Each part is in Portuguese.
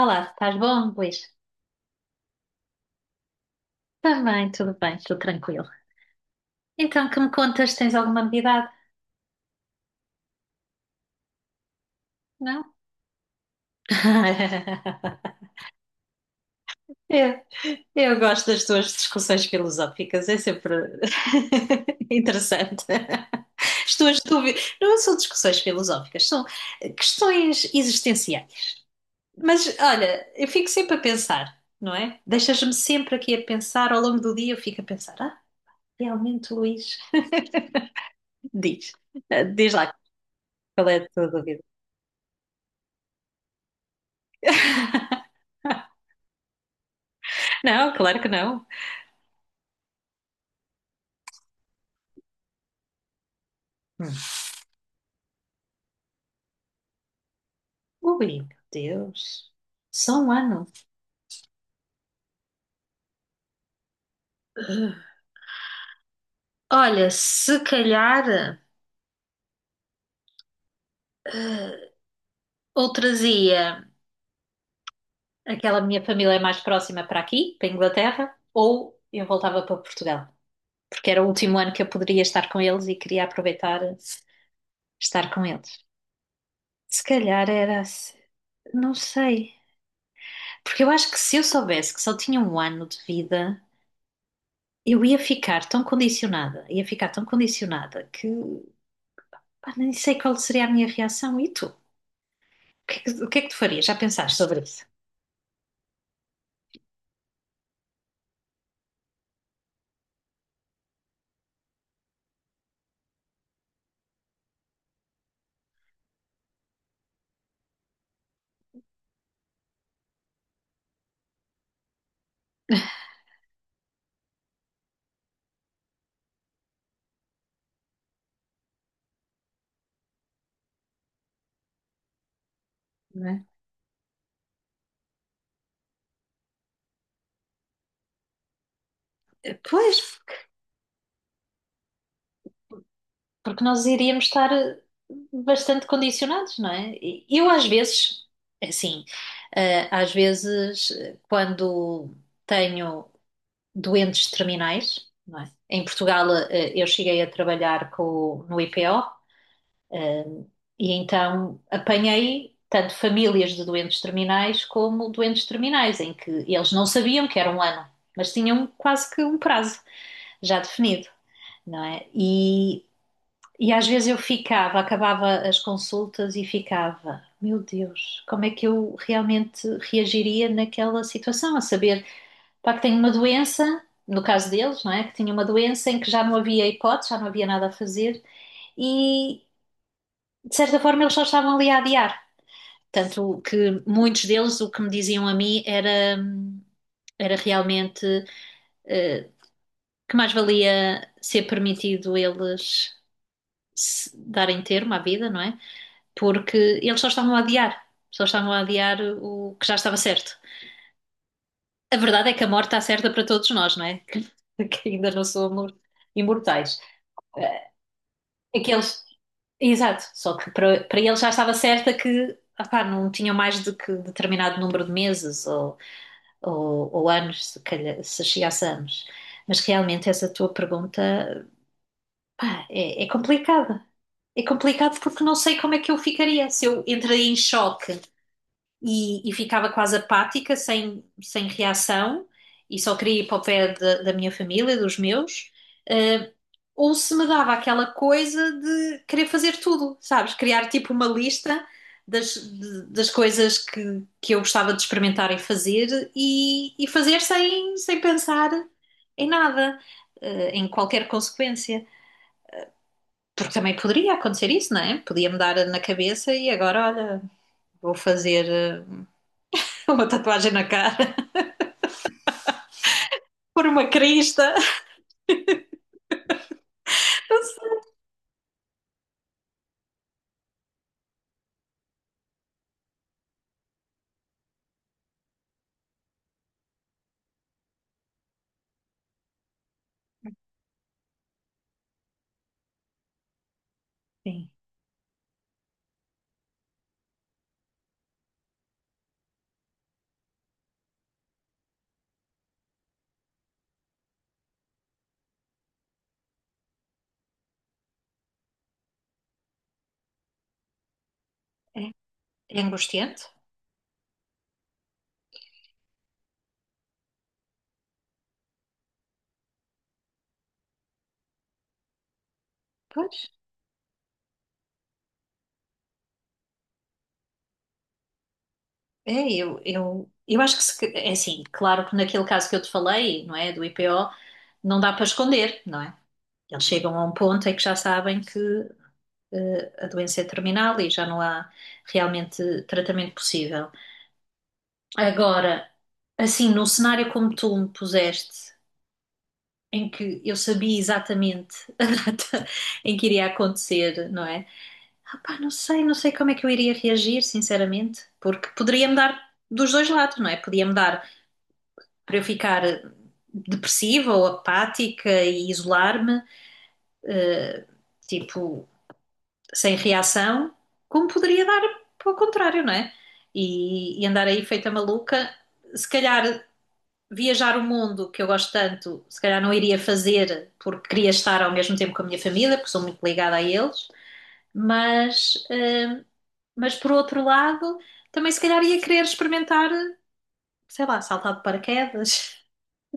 Olá, estás bom, Luís? Estás bem, tudo tranquilo. Então, que me contas, tens alguma novidade? Não? Eu, eu gosto das tuas discussões filosóficas, é sempre interessante. As tuas dúvidas não são discussões filosóficas, são questões existenciais. Mas olha, eu fico sempre a pensar, não é? Deixas-me sempre aqui a pensar, ao longo do dia eu fico a pensar, realmente, Luís, diz, diz lá qual é a tua dúvida. Não, claro que não. Hum. Ui, meu Deus. Só um ano. Olha, se calhar ou trazia aquela minha família mais próxima para aqui, para a Inglaterra, ou eu voltava para Portugal, porque era o último ano que eu poderia estar com eles e queria aproveitar estar com eles. Se calhar era assim. Não sei. Porque eu acho que se eu soubesse que só tinha um ano de vida, eu ia ficar tão condicionada, ia ficar tão condicionada que pá, nem sei qual seria a minha reação. E tu? O que é que tu farias? Já pensaste sobre isso? Não é? Pois, porque nós iríamos estar bastante condicionados, não é? E eu às vezes, assim, às vezes, quando tenho doentes terminais, não é? Em Portugal, eu cheguei a trabalhar com, no IPO. E então apanhei tanto famílias de doentes terminais como doentes terminais, em que eles não sabiam que era um ano, mas tinham quase que um prazo já definido, não é? E às vezes eu ficava, acabava as consultas e ficava, meu Deus, como é que eu realmente reagiria naquela situação? A saber, pá, que tenho uma doença, no caso deles, não é? Que tinha uma doença em que já não havia hipótese, já não havia nada a fazer e, de certa forma, eles só estavam ali a adiar, tanto que muitos deles o que me diziam a mim era, era realmente eh, que mais valia ser permitido eles darem termo à vida, não é? Porque eles só estavam a adiar, só estavam a adiar o que já estava certo. A verdade é que a morte está certa para todos nós, não é? Que ainda não somos imortais. Aqueles, exato, só que para, para eles já estava certa que opá, não tinham mais do que determinado número de meses ou ou anos, se calhar, se chegasse a anos. Mas realmente essa tua pergunta, pá, é, é complicada. É complicado porque não sei como é que eu ficaria, se eu entrei em choque e ficava quase apática, sem, sem reação, e só queria ir para o pé da, da minha família, dos meus, ou se me dava aquela coisa de querer fazer tudo, sabes? Criar tipo uma lista das, das coisas que eu gostava de experimentar e fazer sem, sem pensar em nada, em qualquer consequência. Porque também poderia acontecer isso, não é? Podia-me dar na cabeça e agora, olha, vou fazer uma tatuagem na cara, pôr uma crista. Sim, é, é angustiante. Pois. É, eu acho que, se que- é assim, claro que naquele caso que eu te falei, não é, do IPO, não dá para esconder, não é? Eles chegam a um ponto em que já sabem que a doença é terminal e já não há realmente tratamento possível. Agora, assim, num cenário como tu me puseste, em que eu sabia exatamente a data em que iria acontecer, não é? Ah, pá, não sei, não sei como é que eu iria reagir, sinceramente, porque poderia-me dar dos dois lados, não é? Podia-me dar para eu ficar depressiva ou apática e isolar-me, tipo, sem reação, como poderia dar ao contrário, não é? E andar aí feita maluca, se calhar viajar o mundo que eu gosto tanto, se calhar não iria fazer porque queria estar ao mesmo tempo com a minha família, porque sou muito ligada a eles, mas, mas por outro lado, também se calhar ia querer experimentar, sei lá, saltar de paraquedas.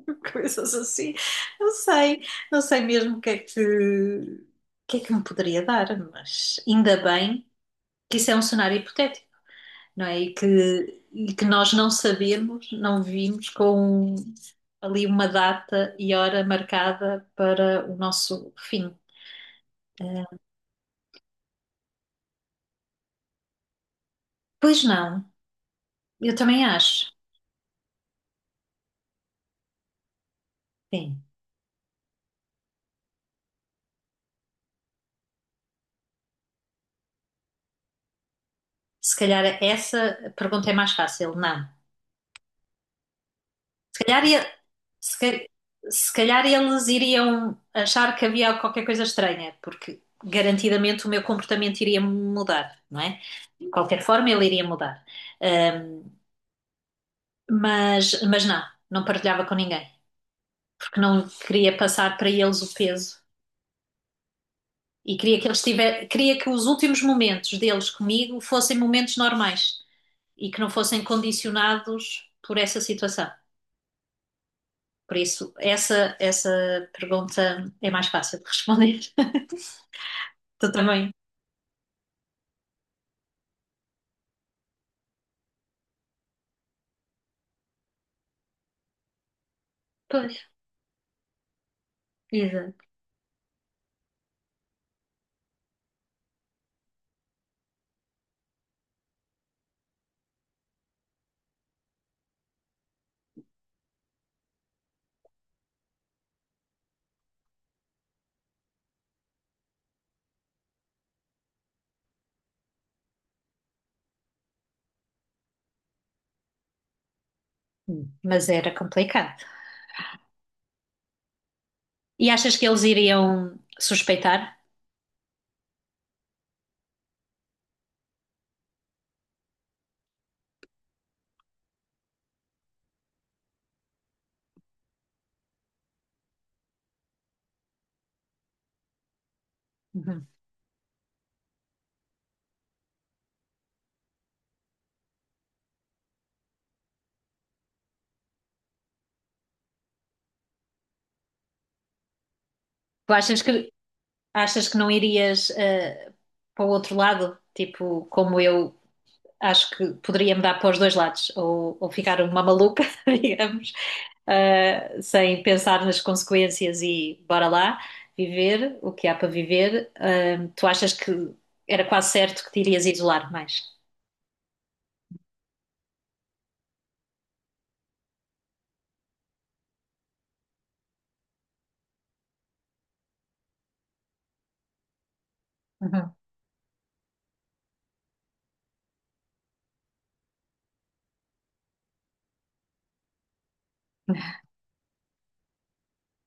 Coisas assim. Não sei, não sei mesmo o que é que me poderia dar, mas ainda bem que isso é um cenário hipotético, não é? E que nós não sabemos, não vimos com ali uma data e hora marcada para o nosso fim. Pois não, eu também acho. Sim, se calhar essa pergunta é mais fácil. Não. Se calhar, se, ca- se calhar eles iriam achar que havia qualquer coisa estranha, porque garantidamente o meu comportamento iria mudar, não é? De qualquer forma, ele iria mudar. Ahm, mas não, não partilhava com ninguém, porque não queria passar para eles o peso e queria que eles tivessem, queria que os últimos momentos deles comigo fossem momentos normais e que não fossem condicionados por essa situação. Por isso, essa pergunta é mais fácil de responder. Tu também. Pois, exato. Mas era complicado. E achas que eles iriam suspeitar? Uhum. Tu achas que não irias para o outro lado? Tipo, como eu acho que poderia me dar para os dois lados, ou ficar uma maluca, digamos, ah, sem pensar nas consequências e bora lá, viver o que há para viver. Ah, tu achas que era quase certo que te irias isolar mais? Uhum.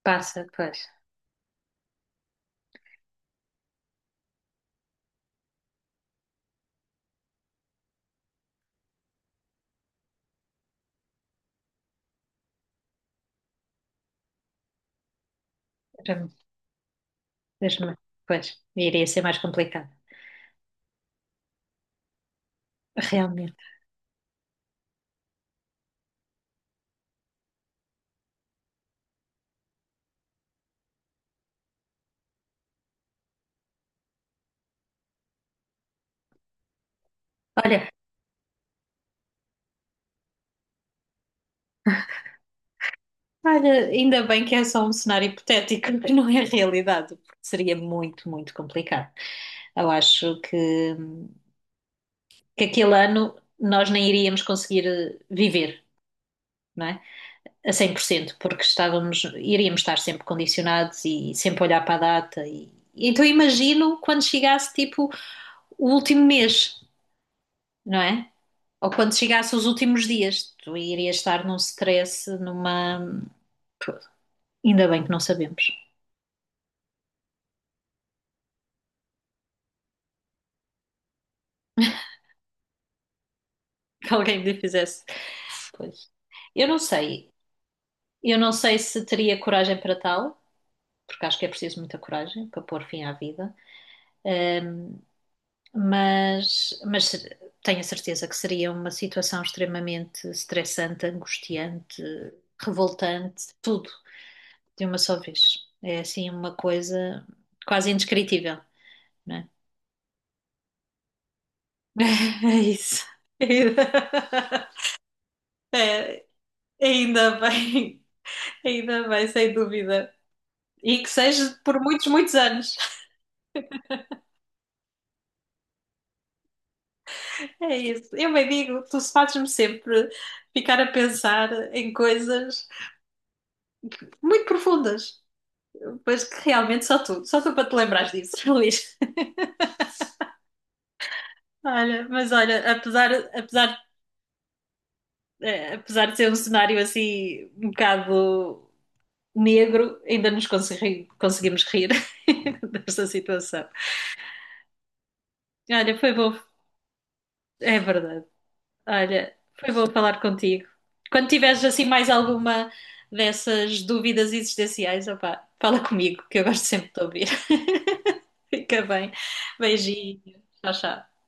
Passa, pois. Era- Deixa-me. Pois, iria ser mais complicado, realmente. Olha, olha, ainda bem que é só um cenário hipotético, que não é realidade, porque seria muito, muito complicado. Eu acho que aquele ano nós nem iríamos conseguir viver, não é? A 100%, porque estávamos, iríamos estar sempre condicionados e sempre olhar para a data. E, então imagino quando chegasse tipo o último mês, não é? Ou quando chegasse os últimos dias, tu irias estar num stress, numa... Pô, ainda bem que não sabemos. Que alguém me fizesse. Pois. Eu não sei. Eu não sei se teria coragem para tal, porque acho que é preciso muita coragem para pôr fim à vida. Ahm, tenho a certeza que seria uma situação extremamente estressante, angustiante, revoltante, tudo de uma só vez. É assim uma coisa quase indescritível, não é? É isso. É, ainda bem, ainda bem, sem dúvida. E que seja por muitos, muitos anos. É isso. Eu bem digo, tu fazes-me sempre ficar a pensar em coisas muito profundas. Pois que realmente só tu para te lembrares disso, Luís. Olha, mas olha, apesar, apesar, apesar de ser um cenário assim um bocado negro, ainda conseguimos rir desta situação. Olha, foi bom, é verdade. Olha, foi bom falar contigo. Quando tiveres assim mais alguma dessas dúvidas existenciais, opá, fala comigo, que eu gosto sempre de te ouvir. Fica bem. Beijinho. Tchau, tchau.